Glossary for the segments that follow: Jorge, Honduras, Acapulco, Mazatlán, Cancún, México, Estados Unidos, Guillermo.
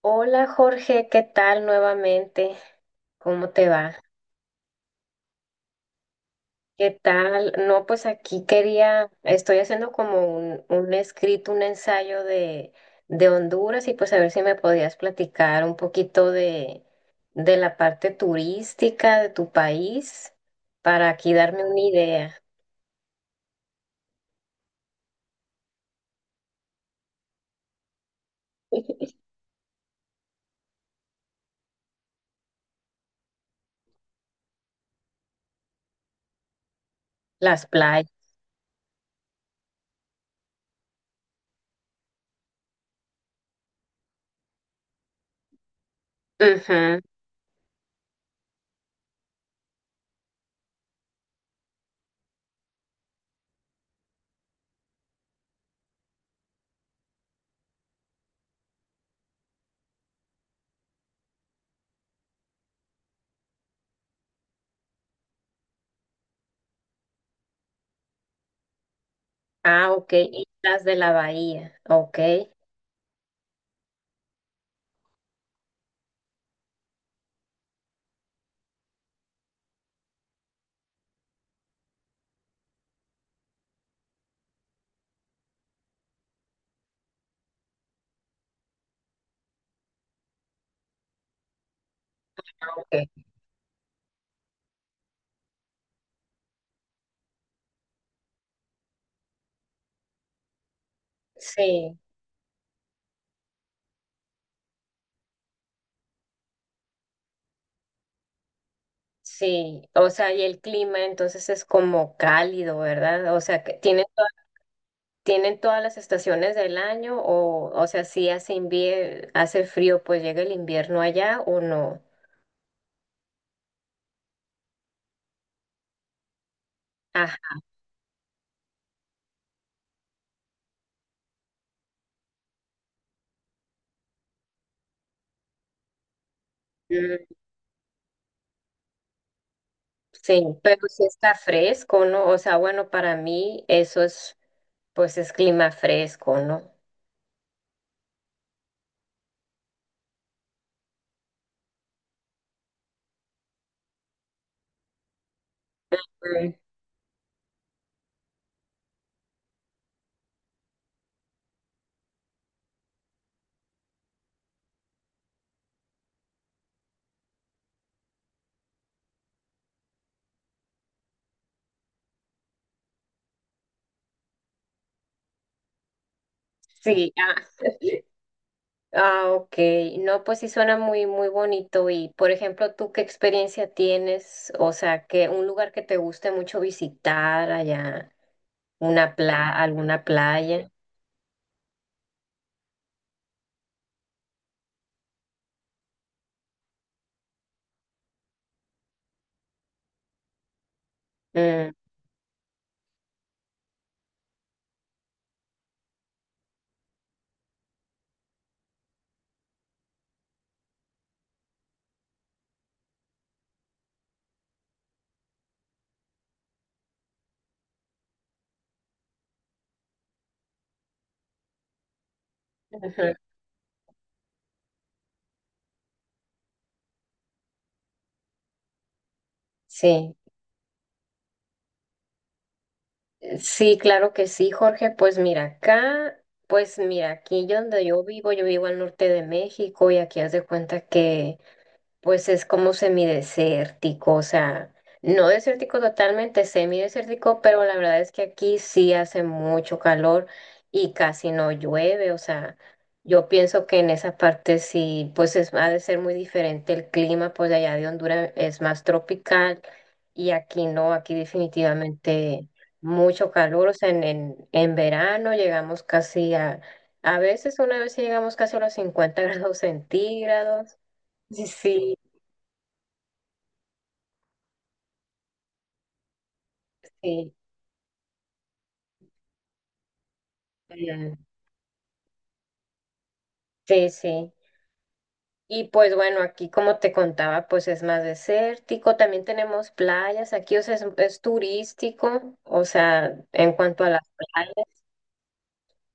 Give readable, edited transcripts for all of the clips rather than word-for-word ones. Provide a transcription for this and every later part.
Hola Jorge, ¿qué tal nuevamente? ¿Cómo te va? ¿Qué tal? No, pues aquí estoy haciendo como un escrito, un ensayo de Honduras y pues a ver si me podías platicar un poquito de la parte turística de tu país para aquí darme una idea. Las playas. Ujú. Ah, ok. Y las de la bahía. Ok. Ok. Sí. Sí, o sea, y el clima entonces es como cálido, ¿verdad? O sea, que tienen, tienen todas las estaciones del año o sea, si hace hace frío, pues llega el invierno allá o no. Ajá, mm, sí, pero si está fresco, ¿no? O sea, bueno, para mí eso es, pues es clima fresco, ¿no? Mm, Sí, ah, ok. No, pues sí suena muy, muy bonito. Y, por ejemplo, ¿tú qué experiencia tienes? O sea, que un lugar que te guste mucho visitar allá, alguna playa. Mm, ujú. Sí, sí, claro que sí, Jorge. Pues mira, acá, pues mira, aquí yo donde yo vivo al norte de México y aquí haz de cuenta que pues es como semidesértico, o sea, no desértico totalmente, semidesértico, pero la verdad es que aquí sí hace mucho calor y casi no llueve, o sea, yo pienso que en esa parte sí, pues es, ha de ser muy diferente el clima, pues de allá de Honduras es más tropical y aquí no, aquí definitivamente mucho calor, o sea, en verano llegamos casi a veces una vez sí llegamos casi a los 50 grados centígrados. Sí, sí, sí, mm, sí, sí. Y pues bueno, aquí como te contaba, pues es más desértico, también tenemos playas, aquí, o sea, es turístico, o sea, en cuanto a las playas,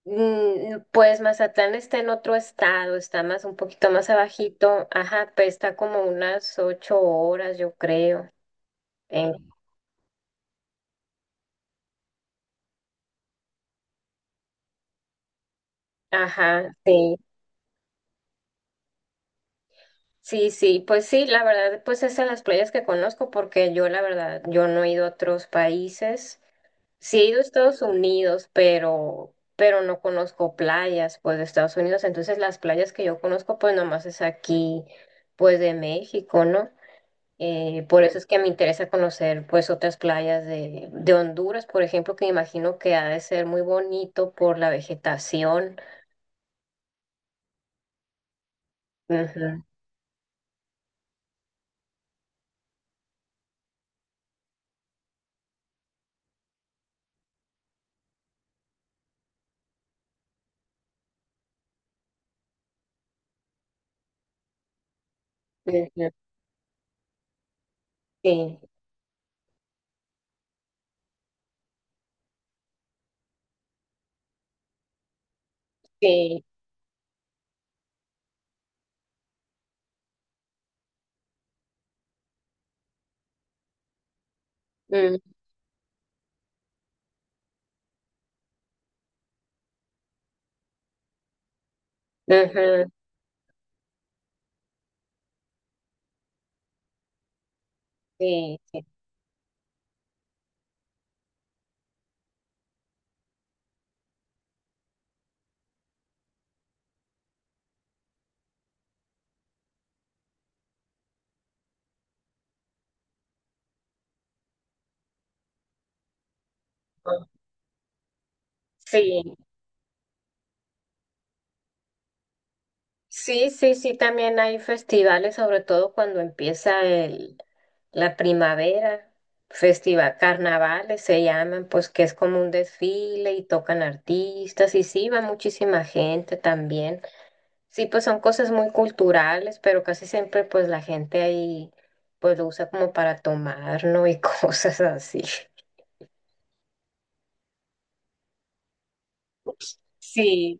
mm, mm, pues Mazatlán está en otro estado, está más, un poquito más abajito, ajá, pues está como unas 8 horas, yo creo, en, ajá, sí. Sí, sí, pues sí, la verdad, pues es de las playas que conozco porque yo la verdad, yo no he ido a otros países. Sí he ido a Estados Unidos, pero no conozco playas, pues, de Estados Unidos. Entonces, las playas que yo conozco, pues, nomás es aquí, pues, de México, ¿no? Por eso es que me interesa conocer, pues, otras playas de Honduras, por ejemplo, que me imagino que ha de ser muy bonito por la vegetación. Ujú, ujú, sí, sí, mm, ujú, sí, sí. Sí, sí, sí, sí, también hay festivales, sobre todo cuando empieza el, la primavera, festival, carnavales se llaman, pues que es como un desfile y tocan artistas y sí, va muchísima gente también. Sí, pues son cosas muy culturales, pero casi siempre pues la gente ahí pues lo usa como para tomar, ¿no? Y cosas así. Sí,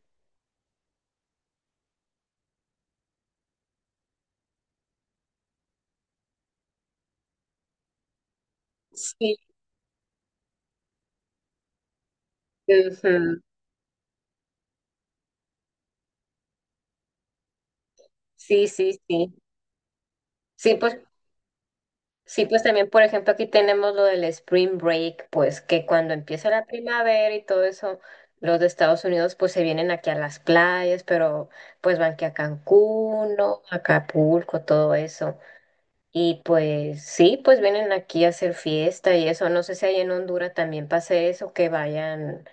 sí. Ujú, sí, sí, sí. Sí, pues sí, pues también, por ejemplo, aquí tenemos lo del Spring Break, pues que cuando empieza la primavera y todo eso, los de Estados Unidos pues se vienen aquí a las playas, pero pues van que a Cancún, ¿no? Acapulco, todo eso. Y pues sí, pues vienen aquí a hacer fiesta y eso. No sé si allá en Honduras también pase eso, que vayan.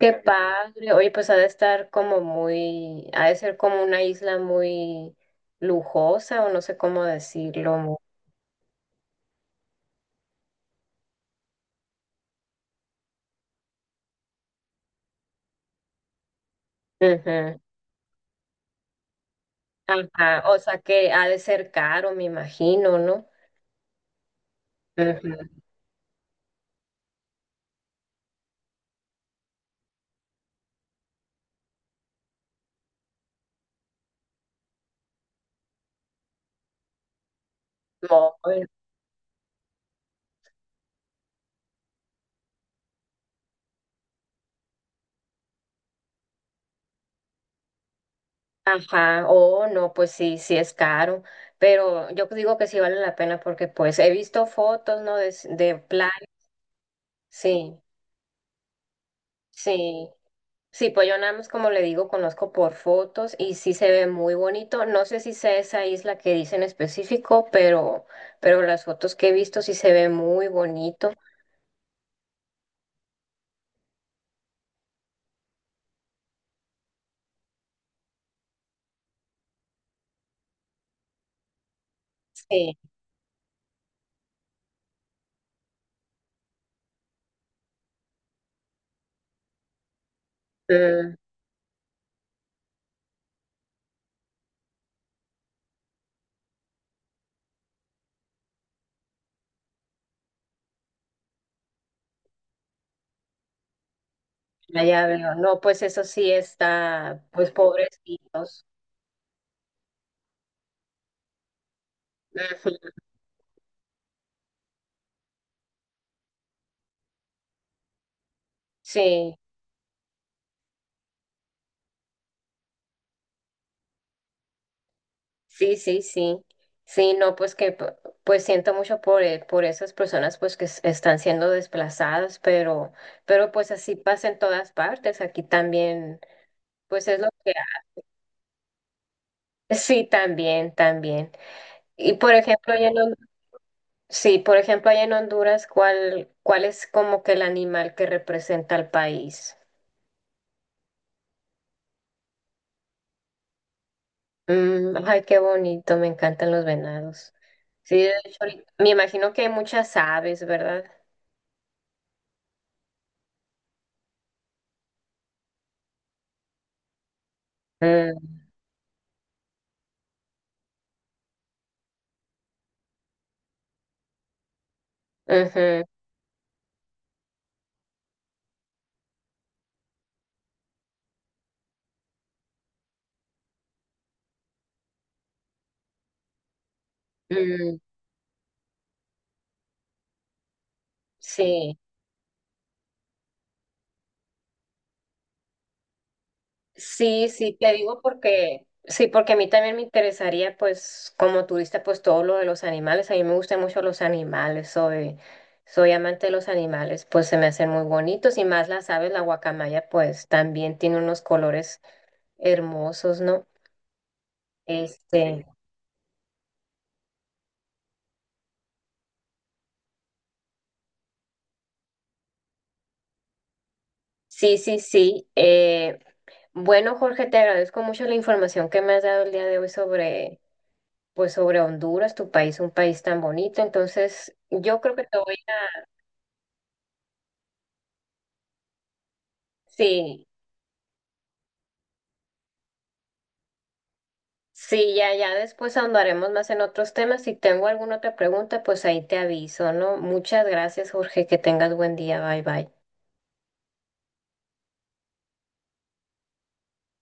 Qué padre. Oye, pues ha de estar como muy, ha de ser como una isla muy lujosa o no sé cómo decirlo. Ujú. Ajá, o sea que ha de ser caro, me imagino, ¿no? Ujú. No, pues, ajá, oh, no, pues sí, sí es caro, pero yo digo que sí vale la pena porque pues he visto fotos, ¿no? De, de playa, sí, sí, sí, pues yo nada más como le digo, conozco por fotos y sí se ve muy bonito, no sé si sea esa isla que dice en específico, pero las fotos que he visto sí se ve muy bonito, sí. Mm, ah, ya veo. No, pues eso sí está, pues pobrecitos. Ujú. Sí, sí, sí, sí. Sí, no, pues que pues siento mucho por esas personas pues que están siendo desplazadas, pero pues así pasa en todas partes. Aquí también, pues es lo que hay. Sí, también, también. Y por ejemplo, sí, por ejemplo, allá en Honduras, cuál es como que el animal que representa al país? Mm, ay, qué bonito, me encantan los venados. Sí, de hecho, ahorita- me imagino que hay muchas aves, ¿verdad? Mm, ujú, mm, sí, sí, sí, te digo porque, sí, porque a mí también me interesaría, pues, como turista, pues todo lo de los animales. A mí me gustan mucho los animales, soy amante de los animales, pues se me hacen muy bonitos y más las aves, la guacamaya, pues también tiene unos colores hermosos, ¿no? Este. Sí, sí, sí. Bueno, Jorge, te agradezco mucho la información que me has dado el día de hoy sobre, pues, sobre Honduras, tu país, un país tan bonito. Entonces, yo creo que te voy a... Sí, sí, ya, ya después ahondaremos más en otros temas. Si tengo alguna otra pregunta, pues ahí te aviso, ¿no? Muchas gracias, Jorge, que tengas buen día. Bye, bye.